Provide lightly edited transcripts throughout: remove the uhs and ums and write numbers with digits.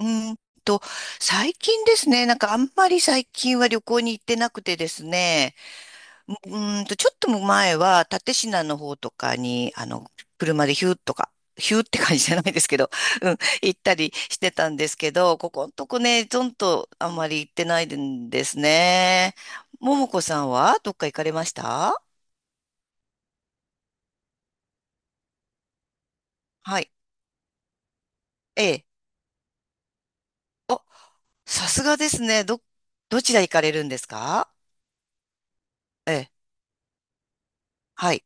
うーんと、最近ですね、なんかあんまり最近は旅行に行ってなくてですね、うちょっと前は蓼科の方とかに、車でヒューとか、ヒューって感じじゃないですけど、うん、行ったりしてたんですけど、ここんとこね、ゾンとあんまり行ってないんですね。ももこさんはどっか行かれました？はい。ええ。お、さすがですね。どちら行かれるんですか？ええ。はい。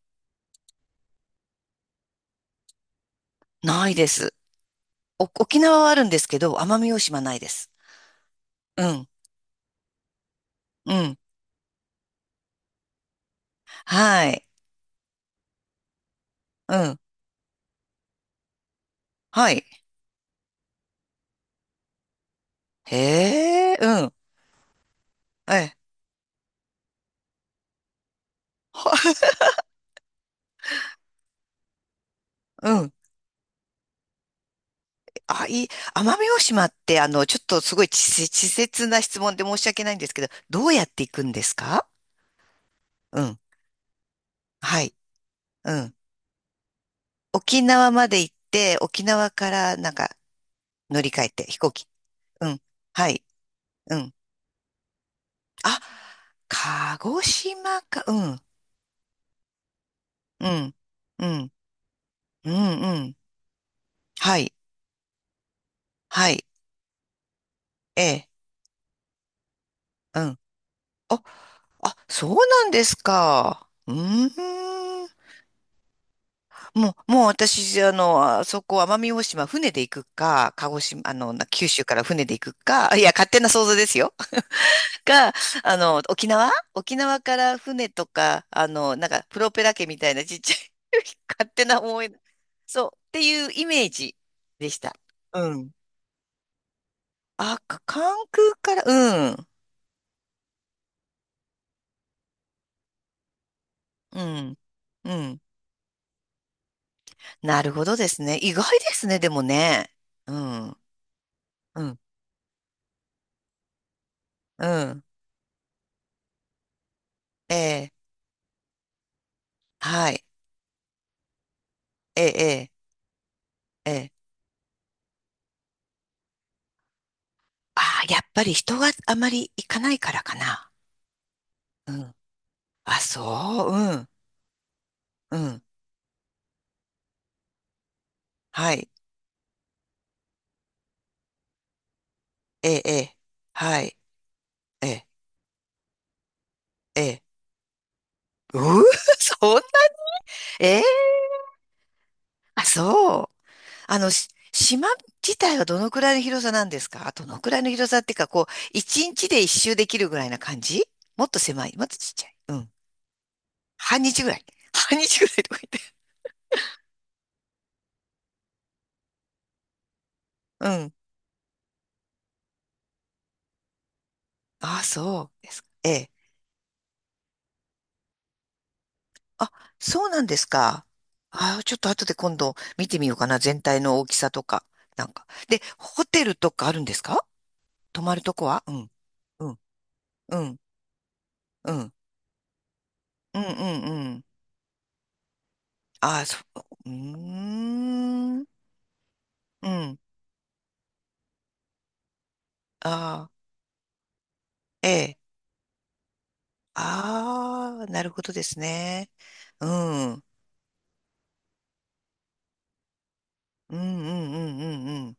ないです。沖縄はあるんですけど、奄美大島ないです。うん。うん。はい。うん。はい。へえ、うん。え、うん。あ、いい。奄美大島って、ちょっとすごい稚拙な質問で申し訳ないんですけど、どうやって行くんですか？うん。はい。うん。沖縄まで行って、沖縄からなんか乗り換えて、飛行機。うん。はい。うん。あ、鹿児島か。うん。うん。うん。うん。うん。はい。はい。ええ。うん。あ、あ、そうなんですか。うーん。もう私、あそこ、奄美大島、船で行くか、鹿児島、九州から船で行くか、いや、勝手な想像ですよ。か、沖縄から船とか、なんか、プロペラ家みたいなちっちゃい 勝手な思い出、そう、っていうイメージでした。うん。あ、関空から、うん、うん、うん。なるほどですね。意外ですね、でもね。うん。うん、うん、ええ、はい、ええ、ええ、ええ。ああ、やっぱり人があまり行かないからかな。うん。あ、そう、うん、うん、はい、ええ、ええ、はい、ええ、ええ。うー、そんな、ええ、あ、そう。島自体はどのくらいの広さなんですか？どのくらいの広さっていうか、こう、一日で一周できるぐらいな感じ、もっと狭い、もっとちっちゃい？うん。半日ぐらい。半日ぐらいとか言って。うん。ああ、そうですか。ええ、あ、そうなんですか。あー、ちょっと後で今度見てみようかな。全体の大きさとか。なんか。で、ホテルとかあるんですか？泊まるとこは、うん、うん、うん、うん、うん、うん、うん。ああ、そう、うーん、うん。ああ、ええ。ああ、なるほどですね。うん、うん、うん、うん、うん、うん。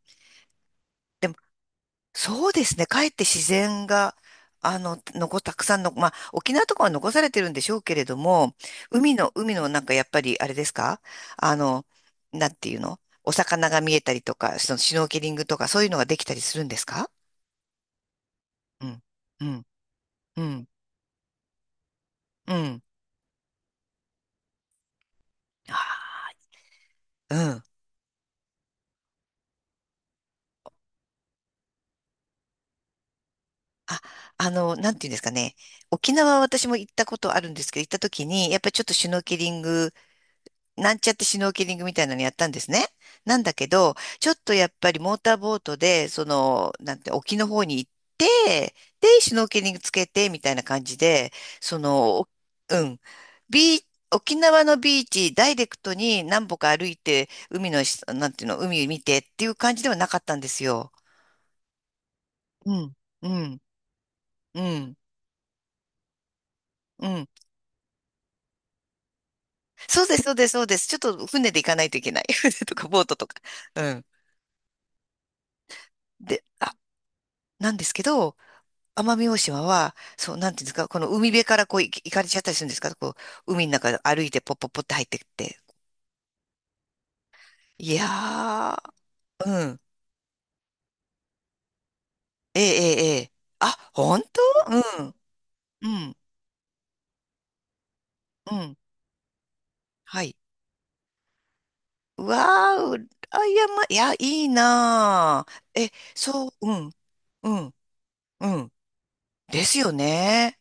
そうですね。かえって自然が、たくさんの、まあ、沖縄とかは残されてるんでしょうけれども、海のなんかやっぱり、あれですか？あの、なんていうのお魚が見えたりとか、そのシュノーケリングとか、そういうのができたりするんですか？うん、うん、うん、うん。あー、うん。あ、なんていうんですかね。沖縄は私も行ったことあるんですけど、行った時に、やっぱりちょっとシュノーケリングなんちゃってシュノーケリングみたいなのやったんですね。なんだけど、ちょっとやっぱりモーターボートで、その、なんて、沖の方に行って、で、シュノーケリングつけて、みたいな感じで、その、うん、ビー沖縄のビーチ、ダイレクトに何歩か歩いて、海のし、なんていうの、海見てっていう感じではなかったんですよ。うん、うん、うん、うん。そうです、そうです、そうです。ちょっと船で行かないといけない。船とかボートとか。うん。で、なんですけど、奄美大島は、そう、なんていうんですか、この海辺からこうい行かれちゃったりするんですか？こう、海の中歩いてポッポッポって入ってって。いやー、うん。ええ、ええ、ええ。あ、本当、うん、うん、うん。はい。うわー、うあ、や、ま、いや、いいなー。え、そう、うん、うん、うん。ですよね。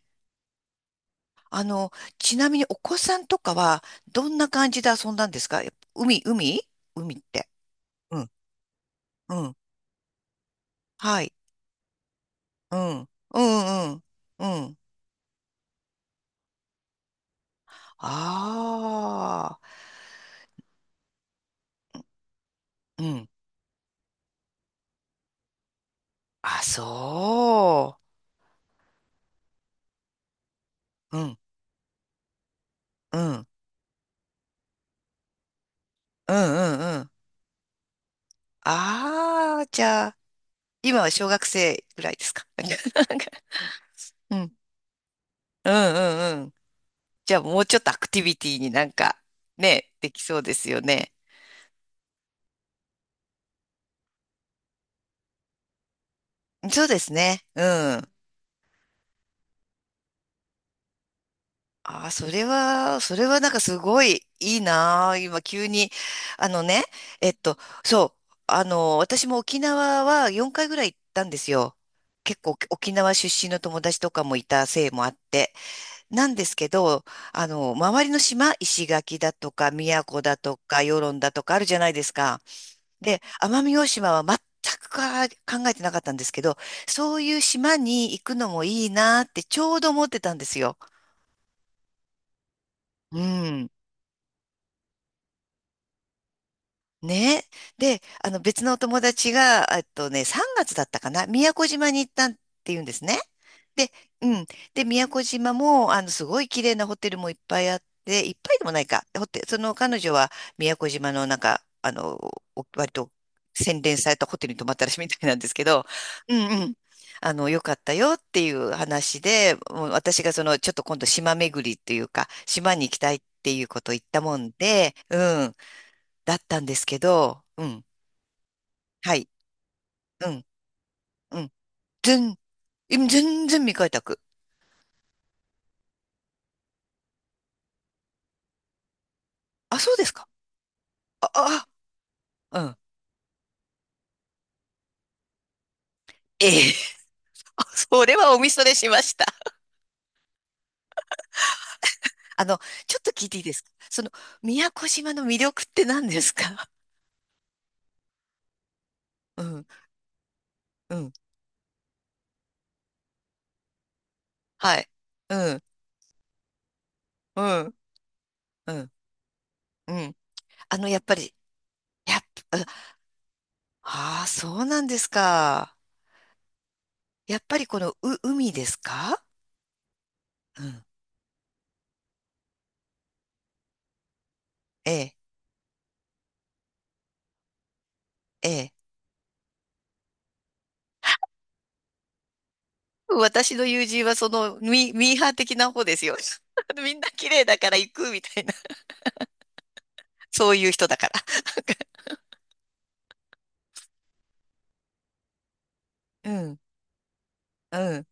あの、ちなみにお子さんとかは、どんな感じで遊んだんですか？やっぱ海、海海って。うん、うん。はい。うん。うんうんうん。うん。ああ。うん、あ、そう。うん。うん。うんうんうん。ああ、じゃあ、今は小学生ぐらいですか？なんかうん。うんうんうん。じゃあ、もうちょっとアクティビティになんか、ね、できそうですよね。そうですね。うん。ああ、それは、それはなんかすごいいいなあ。今急に。あのね、えっと、そう、私も沖縄は4回ぐらい行ったんですよ。結構沖縄出身の友達とかもいたせいもあって。なんですけど、周りの島、石垣だとか、宮古だとか、与論だとかあるじゃないですか。で、奄美大島は全くか考えてなかったんですけど、そういう島に行くのもいいなあってちょうど思ってたんですよ。うん。ね。で、別のお友達が、3月だったかな、宮古島に行ったって言うんですね。で、うん。で、宮古島も、すごい綺麗なホテルもいっぱいあって、いっぱいでもないか。ホテル、その彼女は宮古島のなんか、割と洗練されたホテルに泊まったらしいみたいなんですけど、うんうん。良かったよっていう話で、もう私がその、ちょっと今度島巡りっていうか、島に行きたいっていうことを言ったもんで、うん。だったんですけど、うん。はい。うん。うん。全、今全然未開拓。あ、そうですか。あ、あ、あうん。ええ。あ、それはおみそれしました。あの、ちょっと聞いていいですか？その、宮古島の魅力って何ですか？ うん。うん。はい。うん。うん。うん。うん。やっぱり、やっぱ、ああー、そうなんですか。やっぱりこの、海ですか？うん。ええ。ええ。私の友人はそのミーハー的な方ですよ。みんな綺麗だから行くみたいな。そういう人だから。うん、うん。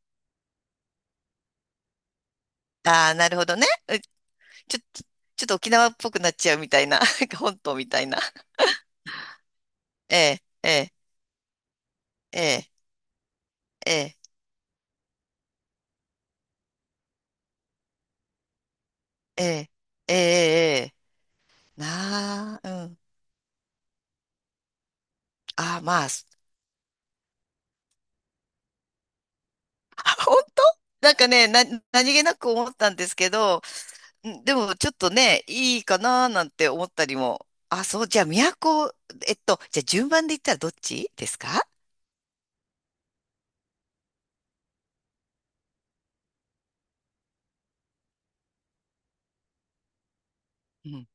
ああ、なるほどね。うちょ、ちょっと沖縄っぽくなっちゃうみたいな。なんか本島みたいな。ええ、ええ、ええ、ええ、ええ、ええ、ええなあ、うん。ああ、まあ、本当なんかね、何気なく思ったんですけど、んでもちょっとね、いいかななんて思ったりも。あ、そう、じゃあ、都、えっと、じゃあ順番で言ったらどっちですか？うん